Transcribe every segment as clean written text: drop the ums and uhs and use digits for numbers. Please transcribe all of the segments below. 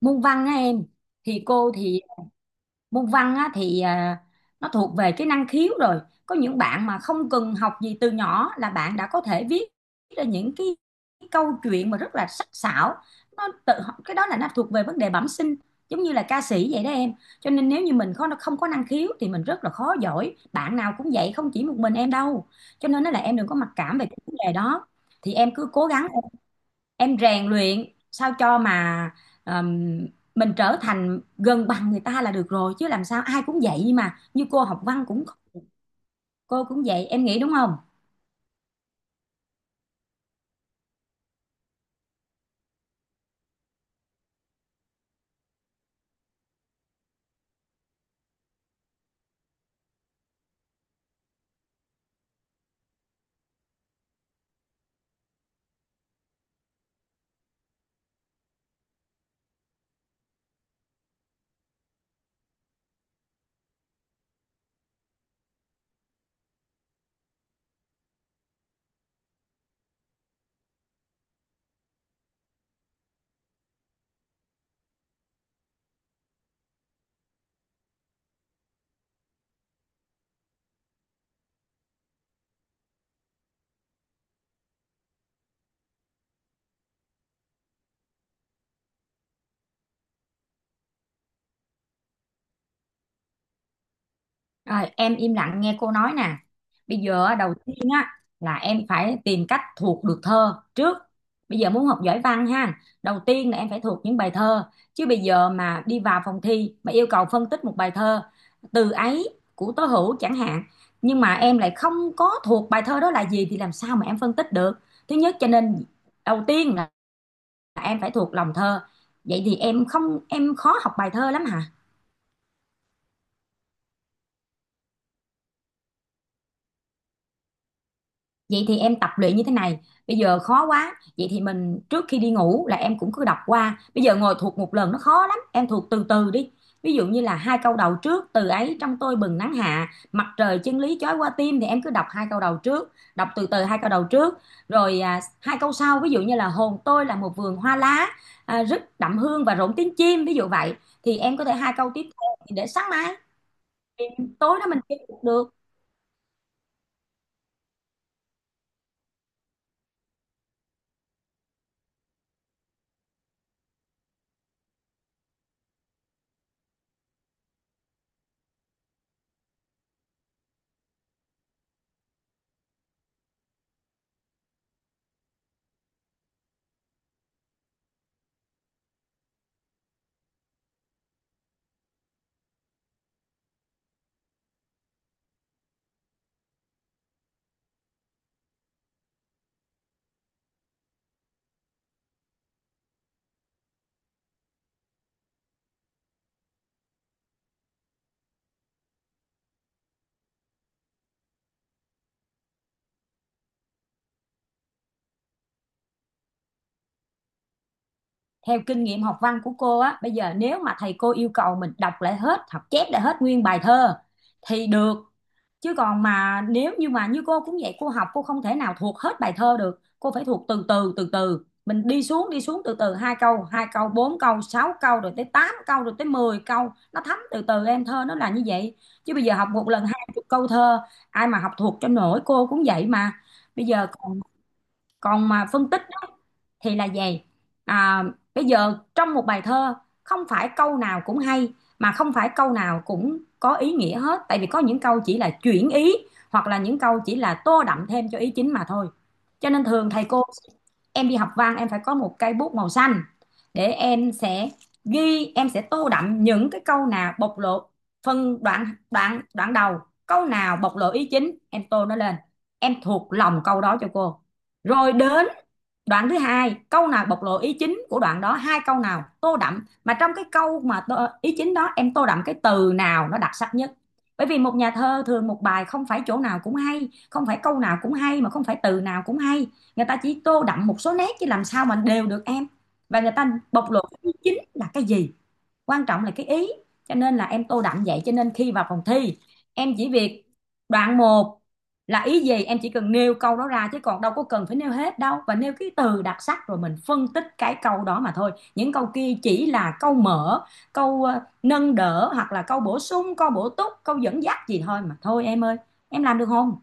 Môn văn á em, thì cô thì môn văn á nó thuộc về cái năng khiếu rồi. Có những bạn mà không cần học gì từ nhỏ là bạn đã có thể viết ra câu chuyện mà rất là sắc sảo. Nó tự Cái đó là nó thuộc về vấn đề bẩm sinh, giống như là ca sĩ vậy đó em. Cho nên nếu như mình không có năng khiếu thì mình rất là khó giỏi, bạn nào cũng vậy, không chỉ một mình em đâu. Cho nên nó là em đừng có mặc cảm về cái vấn đề đó. Thì em cứ cố gắng, em rèn luyện sao cho mà ờm, mình trở thành gần bằng người ta là được rồi, chứ làm sao, ai cũng vậy mà, như cô học văn cũng, cô cũng vậy, em nghĩ đúng không? Rồi em im lặng nghe cô nói nè. Bây giờ á, đầu tiên á là em phải tìm cách thuộc được thơ trước. Bây giờ muốn học giỏi văn ha, đầu tiên là em phải thuộc những bài thơ. Chứ bây giờ mà đi vào phòng thi mà yêu cầu phân tích một bài thơ Từ Ấy của Tố Hữu chẳng hạn, nhưng mà em lại không có thuộc bài thơ đó là gì thì làm sao mà em phân tích được. Thứ nhất, cho nên đầu tiên là em phải thuộc lòng thơ. Vậy thì em không, em khó học bài thơ lắm hả? Vậy thì em tập luyện như thế này, bây giờ khó quá, vậy thì mình trước khi đi ngủ là em cũng cứ đọc qua, bây giờ ngồi thuộc một lần nó khó lắm, em thuộc từ từ đi. Ví dụ như là hai câu đầu trước, "Từ ấy trong tôi bừng nắng hạ, mặt trời chân lý chói qua tim", thì em cứ đọc hai câu đầu trước, đọc từ từ hai câu đầu trước, rồi hai câu sau ví dụ như là "Hồn tôi là một vườn hoa lá, rất đậm hương và rộn tiếng chim", ví dụ vậy, thì em có thể hai câu tiếp theo để sáng mai, thì tối đó mình chơi được. Theo kinh nghiệm học văn của cô á, bây giờ nếu mà thầy cô yêu cầu mình đọc lại hết, học chép lại hết nguyên bài thơ thì được, chứ còn mà nếu như mà, như cô cũng vậy, cô học cô không thể nào thuộc hết bài thơ được, cô phải thuộc từ từ mình đi xuống, đi xuống từ từ, hai câu, hai câu, bốn câu, sáu câu, rồi tới tám câu, rồi tới 10 câu, nó thấm từ từ em, thơ nó là như vậy. Chứ bây giờ học một lần 20 câu thơ ai mà học thuộc cho nổi, cô cũng vậy mà. Bây giờ còn còn mà phân tích á, thì là về à, bây giờ trong một bài thơ không phải câu nào cũng hay, mà không phải câu nào cũng có ý nghĩa hết, tại vì có những câu chỉ là chuyển ý, hoặc là những câu chỉ là tô đậm thêm cho ý chính mà thôi. Cho nên thường thầy cô, em đi học văn em phải có một cây bút màu xanh để em sẽ ghi, em sẽ tô đậm những cái câu nào bộc lộ phân đoạn, đoạn đầu câu nào bộc lộ ý chính em tô nó lên, em thuộc lòng câu đó cho cô. Rồi đến đoạn thứ hai, câu nào bộc lộ ý chính của đoạn đó, hai câu nào tô đậm, mà trong cái câu mà tô, ý chính đó em tô đậm cái từ nào nó đặc sắc nhất. Bởi vì một nhà thơ thường một bài không phải chỗ nào cũng hay, không phải câu nào cũng hay, mà không phải từ nào cũng hay. Người ta chỉ tô đậm một số nét chứ làm sao mà đều được em. Và người ta bộc lộ cái ý chính là cái gì? Quan trọng là cái ý. Cho nên là em tô đậm vậy, cho nên khi vào phòng thi em chỉ việc đoạn một là ý gì em chỉ cần nêu câu đó ra, chứ còn đâu có cần phải nêu hết đâu, và nêu cái từ đặc sắc rồi mình phân tích cái câu đó mà thôi. Những câu kia chỉ là câu mở, câu nâng đỡ, hoặc là câu bổ sung, câu bổ túc, câu dẫn dắt gì thôi mà thôi em ơi. Em làm được không?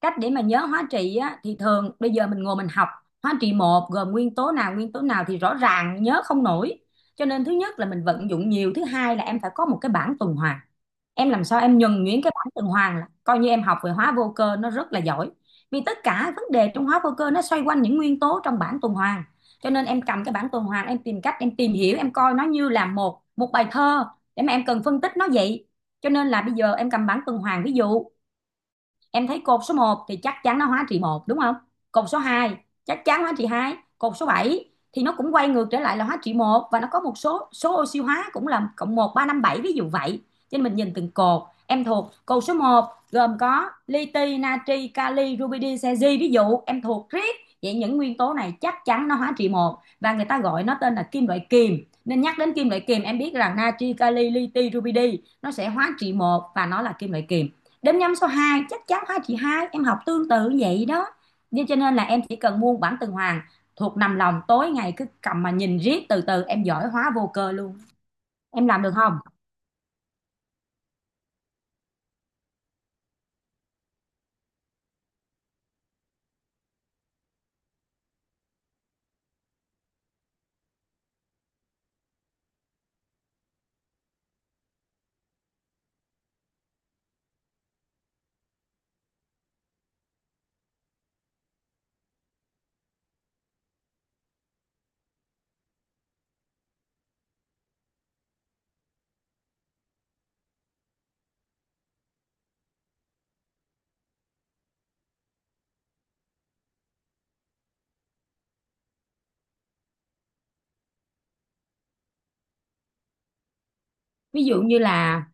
Cách để mà nhớ hóa trị á, thì thường bây giờ mình ngồi mình học hóa trị một gồm nguyên tố nào thì rõ ràng nhớ không nổi. Cho nên thứ nhất là mình vận dụng nhiều, thứ hai là em phải có một cái bảng tuần hoàn. Em làm sao em nhuần nhuyễn cái bảng tuần hoàn là coi như em học về hóa vô cơ nó rất là giỏi. Vì tất cả vấn đề trong hóa vô cơ nó xoay quanh những nguyên tố trong bảng tuần hoàn. Cho nên em cầm cái bảng tuần hoàn em tìm cách em tìm hiểu, em coi nó như là một một bài thơ để mà em cần phân tích nó vậy. Cho nên là bây giờ em cầm bảng tuần hoàn ví dụ em thấy cột số một thì chắc chắn nó hóa trị một đúng không? Cột số 2 chắc chắn hóa trị 2, cột số 7 thì nó cũng quay ngược trở lại là hóa trị một, và nó có một số số oxy hóa cũng là cộng một, ba, năm, 7 ví dụ vậy. Cho nên mình nhìn từng cột, em thuộc cột số một gồm có li ti, natri, kali, rubidi, cesi, ví dụ em thuộc riết vậy những nguyên tố này chắc chắn nó hóa trị một, và người ta gọi nó tên là kim loại kiềm, nên nhắc đến kim loại kiềm em biết rằng natri, kali, li ti, rubidi nó sẽ hóa trị một và nó là kim loại kiềm. Đếm nhăm số 2 chắc chắn hai, chị hai em học tương tự vậy đó. Nên cho nên là em chỉ cần muôn bản tuần hoàn, thuộc nằm lòng tối ngày cứ cầm mà nhìn riết từ từ em giỏi hóa vô cơ luôn. Em làm được không? Ví dụ như là,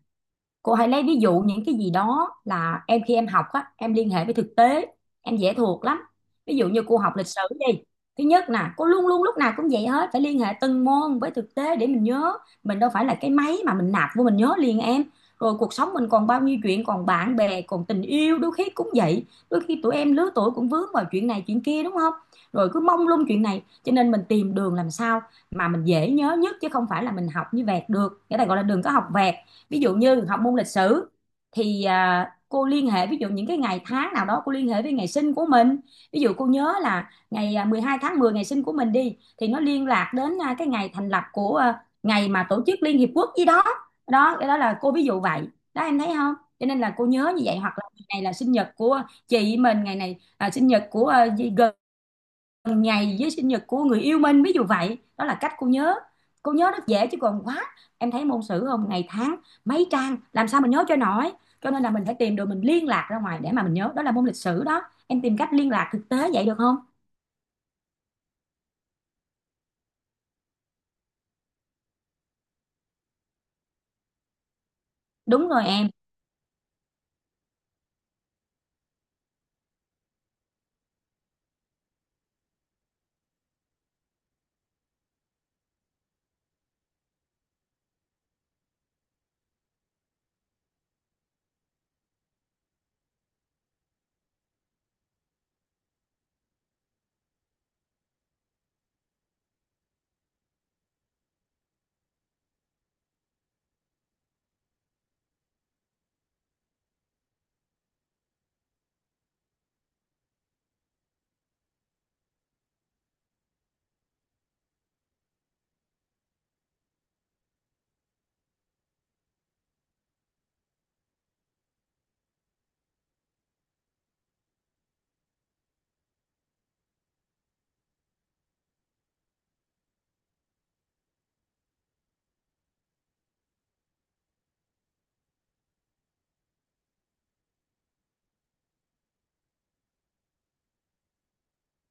cô hãy lấy ví dụ những cái gì đó là em khi em học á, em liên hệ với thực tế, em dễ thuộc lắm. Ví dụ như cô học lịch sử đi. Thứ nhất nè, cô luôn luôn lúc nào cũng vậy hết, phải liên hệ từng môn với thực tế để mình nhớ. Mình đâu phải là cái máy mà mình nạp vô mình nhớ liền em. Rồi cuộc sống mình còn bao nhiêu chuyện, còn bạn bè, còn tình yêu, đôi khi cũng vậy. Đôi khi tụi em lứa tuổi cũng vướng vào chuyện này chuyện kia đúng không? Rồi cứ mông lung chuyện này, cho nên mình tìm đường làm sao mà mình dễ nhớ nhất chứ không phải là mình học như vẹt được. Cái này gọi là đừng có học vẹt. Ví dụ như học môn lịch sử thì cô liên hệ ví dụ những cái ngày tháng nào đó cô liên hệ với ngày sinh của mình, ví dụ cô nhớ là ngày 12 tháng 10 ngày sinh của mình đi thì nó liên lạc đến cái ngày thành lập của ngày mà tổ chức Liên Hiệp Quốc gì đó. Đó, cái đó là cô ví dụ vậy đó, em thấy không? Cho nên là cô nhớ như vậy, hoặc là ngày này là sinh nhật của chị mình, ngày này là sinh nhật của ngày với sinh nhật của người yêu mình ví dụ vậy đó là cách cô nhớ. Cô nhớ rất dễ, chứ còn quá, em thấy môn sử không ngày tháng mấy trang làm sao mình nhớ cho nổi. Cho nên là mình phải tìm đồ mình liên lạc ra ngoài để mà mình nhớ, đó là môn lịch sử đó. Em tìm cách liên lạc thực tế vậy được không? Đúng rồi em.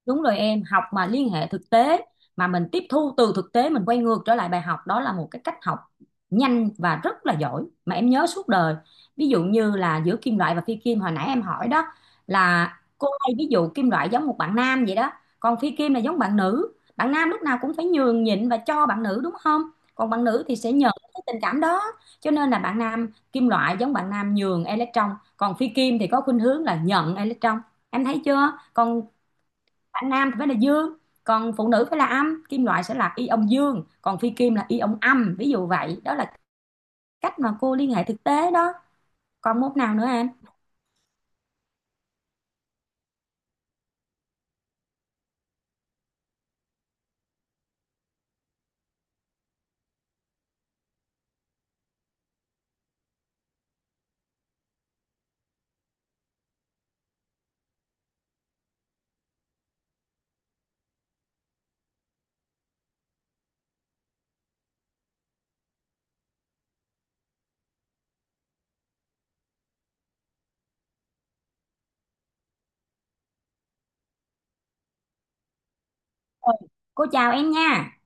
Đúng rồi em, học mà liên hệ thực tế, mà mình tiếp thu từ thực tế mình quay ngược trở lại bài học, đó là một cái cách học nhanh và rất là giỏi mà em nhớ suốt đời. Ví dụ như là giữa kim loại và phi kim hồi nãy em hỏi đó, là cô hay ví dụ kim loại giống một bạn nam vậy đó, còn phi kim là giống bạn nữ. Bạn nam lúc nào cũng phải nhường nhịn và cho bạn nữ đúng không? Còn bạn nữ thì sẽ nhận cái tình cảm đó. Cho nên là bạn nam kim loại giống bạn nam nhường electron, còn phi kim thì có khuynh hướng là nhận electron. Em thấy chưa? Còn bạn nam thì phải là dương, còn phụ nữ phải là âm, kim loại sẽ là ion dương còn phi kim là ion âm, ví dụ vậy đó là cách mà cô liên hệ thực tế đó. Còn môn nào nữa em? Ừ. Cô chào em nha.